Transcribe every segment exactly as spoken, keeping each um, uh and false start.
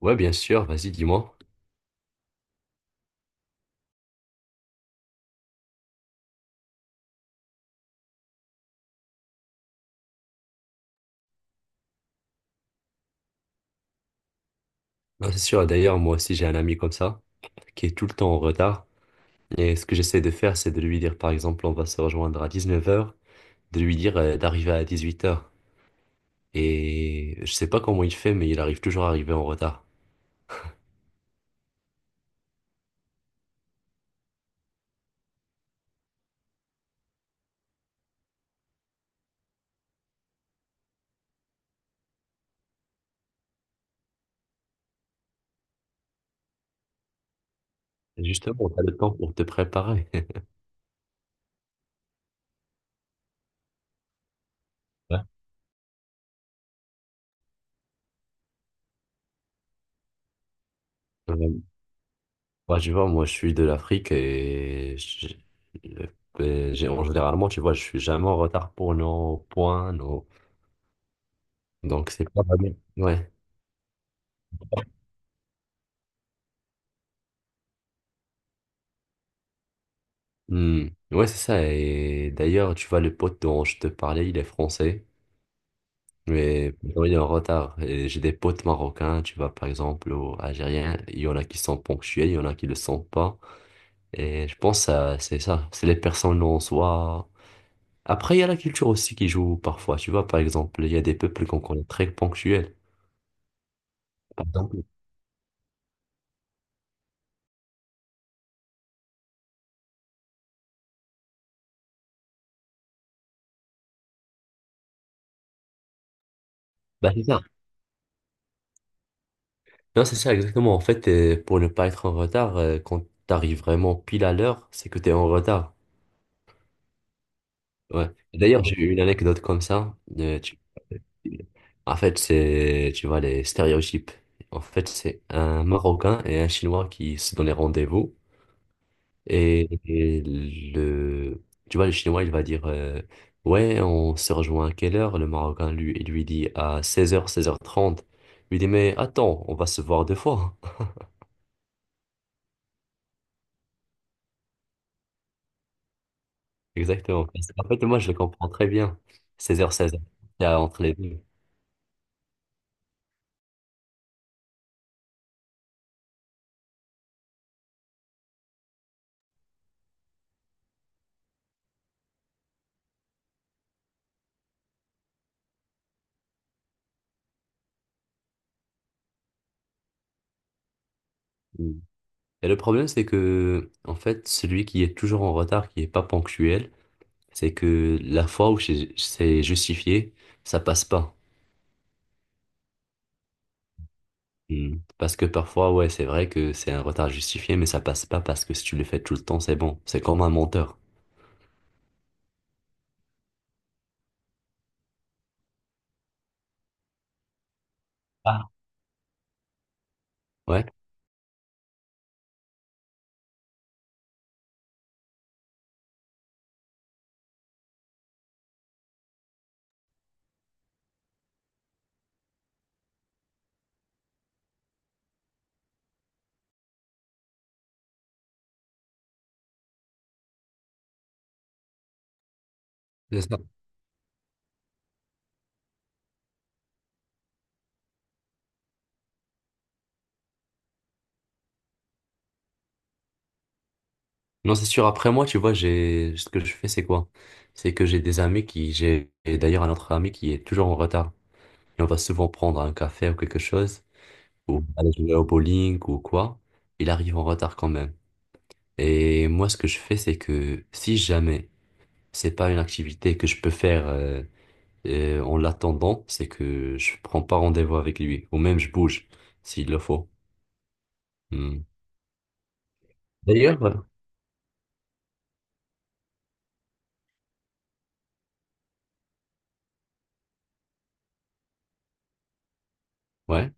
Ouais, bien sûr, vas-y, dis-moi. Non, c'est sûr, d'ailleurs, moi aussi, j'ai un ami comme ça, qui est tout le temps en retard. Et ce que j'essaie de faire, c'est de lui dire, par exemple, on va se rejoindre à dix-neuf heures, de lui dire euh, d'arriver à dix-huit heures. Et je sais pas comment il fait, mais il arrive toujours à arriver en retard. Justement, t'as le temps pour te préparer. Ouais. Ouais, ouais, tu vois, moi, je suis de l'Afrique et je- euh, ben, j'ai- en généralement, tu vois, je suis jamais en retard pour nos points, nos... Donc, c'est pas mal. Ouais. Hmm. Ouais, c'est ça. Et d'ailleurs, tu vois, le pote dont je te parlais, il est français, mais pourtant, il est en retard. Et j'ai des potes marocains, tu vois, par exemple, ou algériens. Il y en a qui sont ponctuels, il y en a qui le sont pas. Et je pense que c'est ça. C'est les personnes en soi. Après, il y a la culture aussi qui joue parfois. Tu vois, par exemple, il y a des peuples qu'on connaît très ponctuels. Par exemple, bah, c'est ça. Non, c'est ça, exactement. En fait, euh, pour ne pas être en retard, euh, quand t'arrives vraiment pile à l'heure, c'est que t'es en retard. Ouais. D'ailleurs, j'ai eu une anecdote comme ça. de- tu- En fait, c'est, tu vois, les stéréotypes. En fait, c'est un Marocain et un Chinois qui se donnaient rendez-vous. Et, et le, tu vois, le Chinois, il va dire, euh, ouais, on se rejoint à quelle heure? Le Marocain, lui, il lui dit à seize heures, seize heures trente. Il lui dit, mais attends, on va se voir deux fois. Exactement. En fait, moi, je le comprends très bien. Seize heures, seize heures, c'est entre les deux. Et le problème, c'est que, en fait, celui qui est toujours en retard, qui est pas ponctuel, c'est que la fois où c'est c'est justifié, ça passe pas. Hmm. Parce que parfois, ouais, c'est vrai que c'est un retard justifié, mais ça passe pas parce que si tu le fais tout le temps, c'est bon. C'est comme un menteur. Ah. Ouais, c'est ça. Non, c'est sûr. Après moi, tu vois, j'ai, ce que je fais, c'est quoi? C'est que j'ai des amis qui, j'ai et d'ailleurs un autre ami qui est toujours en retard. Et on va souvent prendre un café ou quelque chose, ou aller jouer au bowling ou quoi. Il arrive en retard quand même. Et moi, ce que je fais, c'est que si jamais c'est pas une activité que je peux faire euh, euh, en l'attendant, c'est que je prends pas rendez-vous avec lui, ou même je bouge s'il le faut. Hmm. D'ailleurs, euh, ouais,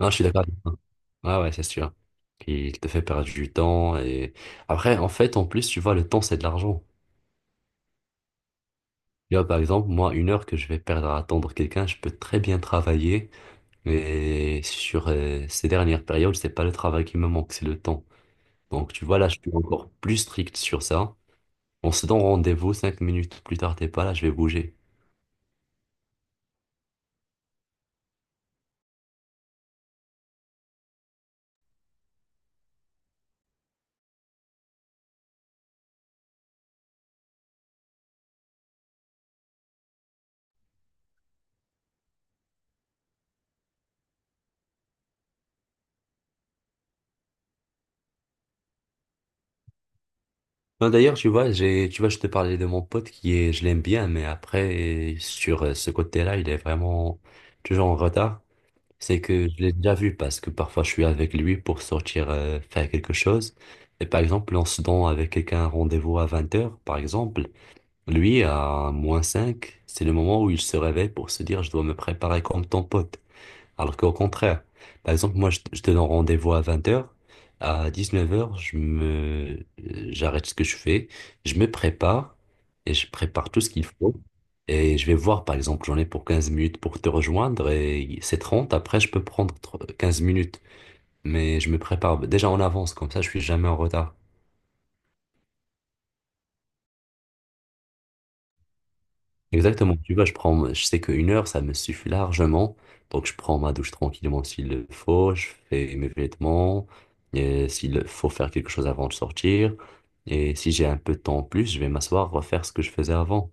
non, je suis d'accord avec toi. Ah ouais, c'est sûr. Il te fait perdre du temps et après, en fait, en plus, tu vois, le temps, c'est de l'argent. Tu vois, par exemple, moi, une heure que je vais perdre à attendre quelqu'un, je peux très bien travailler, mais sur euh, ces dernières périodes, c'est pas le travail qui me manque, c'est le temps. Donc, tu vois, là, je suis encore plus strict sur ça. On se donne rendez-vous, cinq minutes plus tard, t'es pas là, je vais bouger. Non, d'ailleurs, tu vois, j'ai, tu vois, je te parlais de mon pote qui est, je l'aime bien, mais après, sur euh, ce côté-là, il est vraiment toujours en retard. C'est que je l'ai déjà vu parce que parfois je suis avec lui pour sortir, euh, faire quelque chose. Et par exemple, on se donne avec quelqu'un un rendez-vous à vingt heures, par exemple. Lui, à moins cinq c'est le moment où il se réveille pour se dire, je dois me préparer comme ton pote. Alors qu'au contraire, par exemple, moi, je, je te donne rendez-vous à vingt heures. À dix-neuf heures, je me, euh, j'arrête ce que je fais. Je me prépare et je prépare tout ce qu'il faut. Et je vais voir, par exemple, j'en ai pour quinze minutes pour te rejoindre et c'est trente. Après, je peux prendre tr- quinze minutes. Mais je me prépare déjà en avance, comme ça, je suis jamais en retard. Exactement, tu vois, je prends, je sais qu'une heure, ça me suffit largement. Donc, je prends ma douche tranquillement s'il le faut, je fais mes vêtements, et s'il faut faire quelque chose avant de sortir. Et si j'ai un peu de temps en plus, je vais m'asseoir, refaire ce que je faisais avant.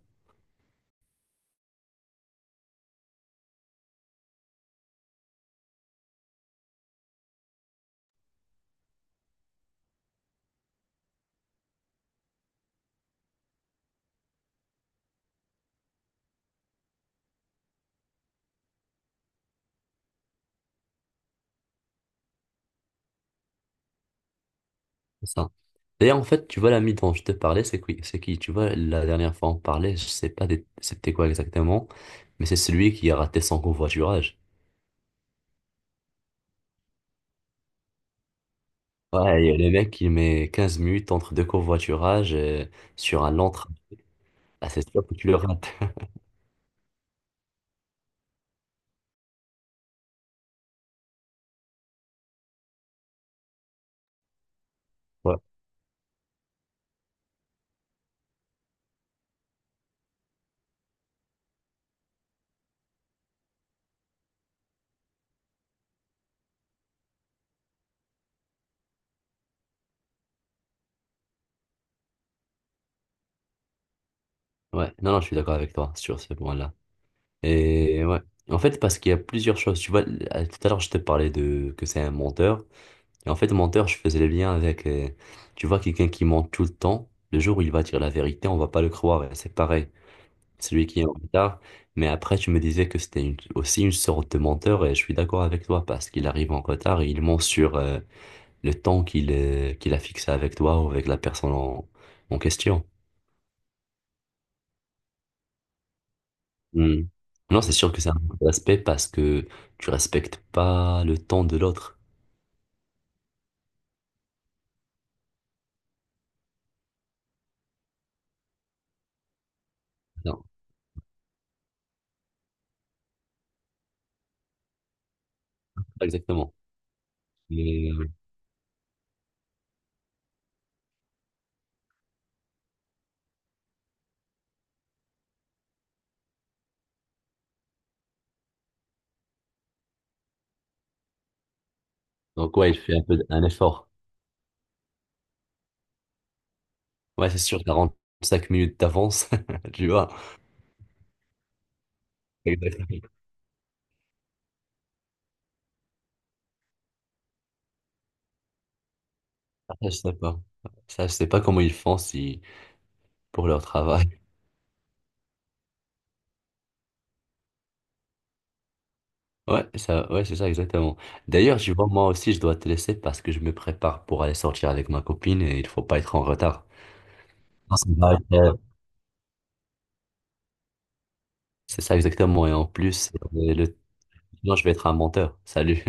C'est ça. D'ailleurs, en fait, tu vois, l'ami dont je te parlais, c'est qui, c'est qui? Tu vois, la dernière fois, on parlait, je sais pas des- c'était quoi exactement, mais c'est celui qui a raté son covoiturage. Ouais, et le mec, il met quinze minutes entre deux covoiturages, euh, sur un long trajet. Ah, c'est sûr que tu le rates. Ouais, ouais. Non, non, je suis d'accord avec toi sur ce point-là. Et ouais. En fait, parce qu'il y a plusieurs choses. Tu vois, à- tout à l'heure, je te parlais de que c'est un menteur. Et en fait, menteur, je faisais le lien avec, euh, tu vois, quelqu'un qui ment tout le temps. Le jour où il va dire la vérité, on va pas le croire. Et c'est pareil. Celui qui est en retard. Mais après, tu me disais que c'était une- aussi une sorte de menteur. Et je suis d'accord avec toi parce qu'il arrive en retard et il ment sur euh, le temps qu'il euh, qu'il a fixé avec toi ou avec la personne en en question. Hmm. Non, c'est sûr que c'est un autre aspect parce que tu respectes pas le temps de l'autre. Non, pas exactement. Mais, euh, donc ouais, il fait un peu un effort. Ouais, c'est sûr, quarante-cinq minutes d'avance, tu vois. Exactement. Ah, je sais pas. Ça, je sais pas comment ils font si pour leur travail. Ouais, ça, ouais, c'est ça exactement. D'ailleurs, je vois, moi aussi, je dois te laisser parce que je me prépare pour aller sortir avec ma copine et il faut pas être en retard. Non, ça va être, euh, C'est ça exactement. Et en plus, euh, le... Non, je vais être un menteur. Salut.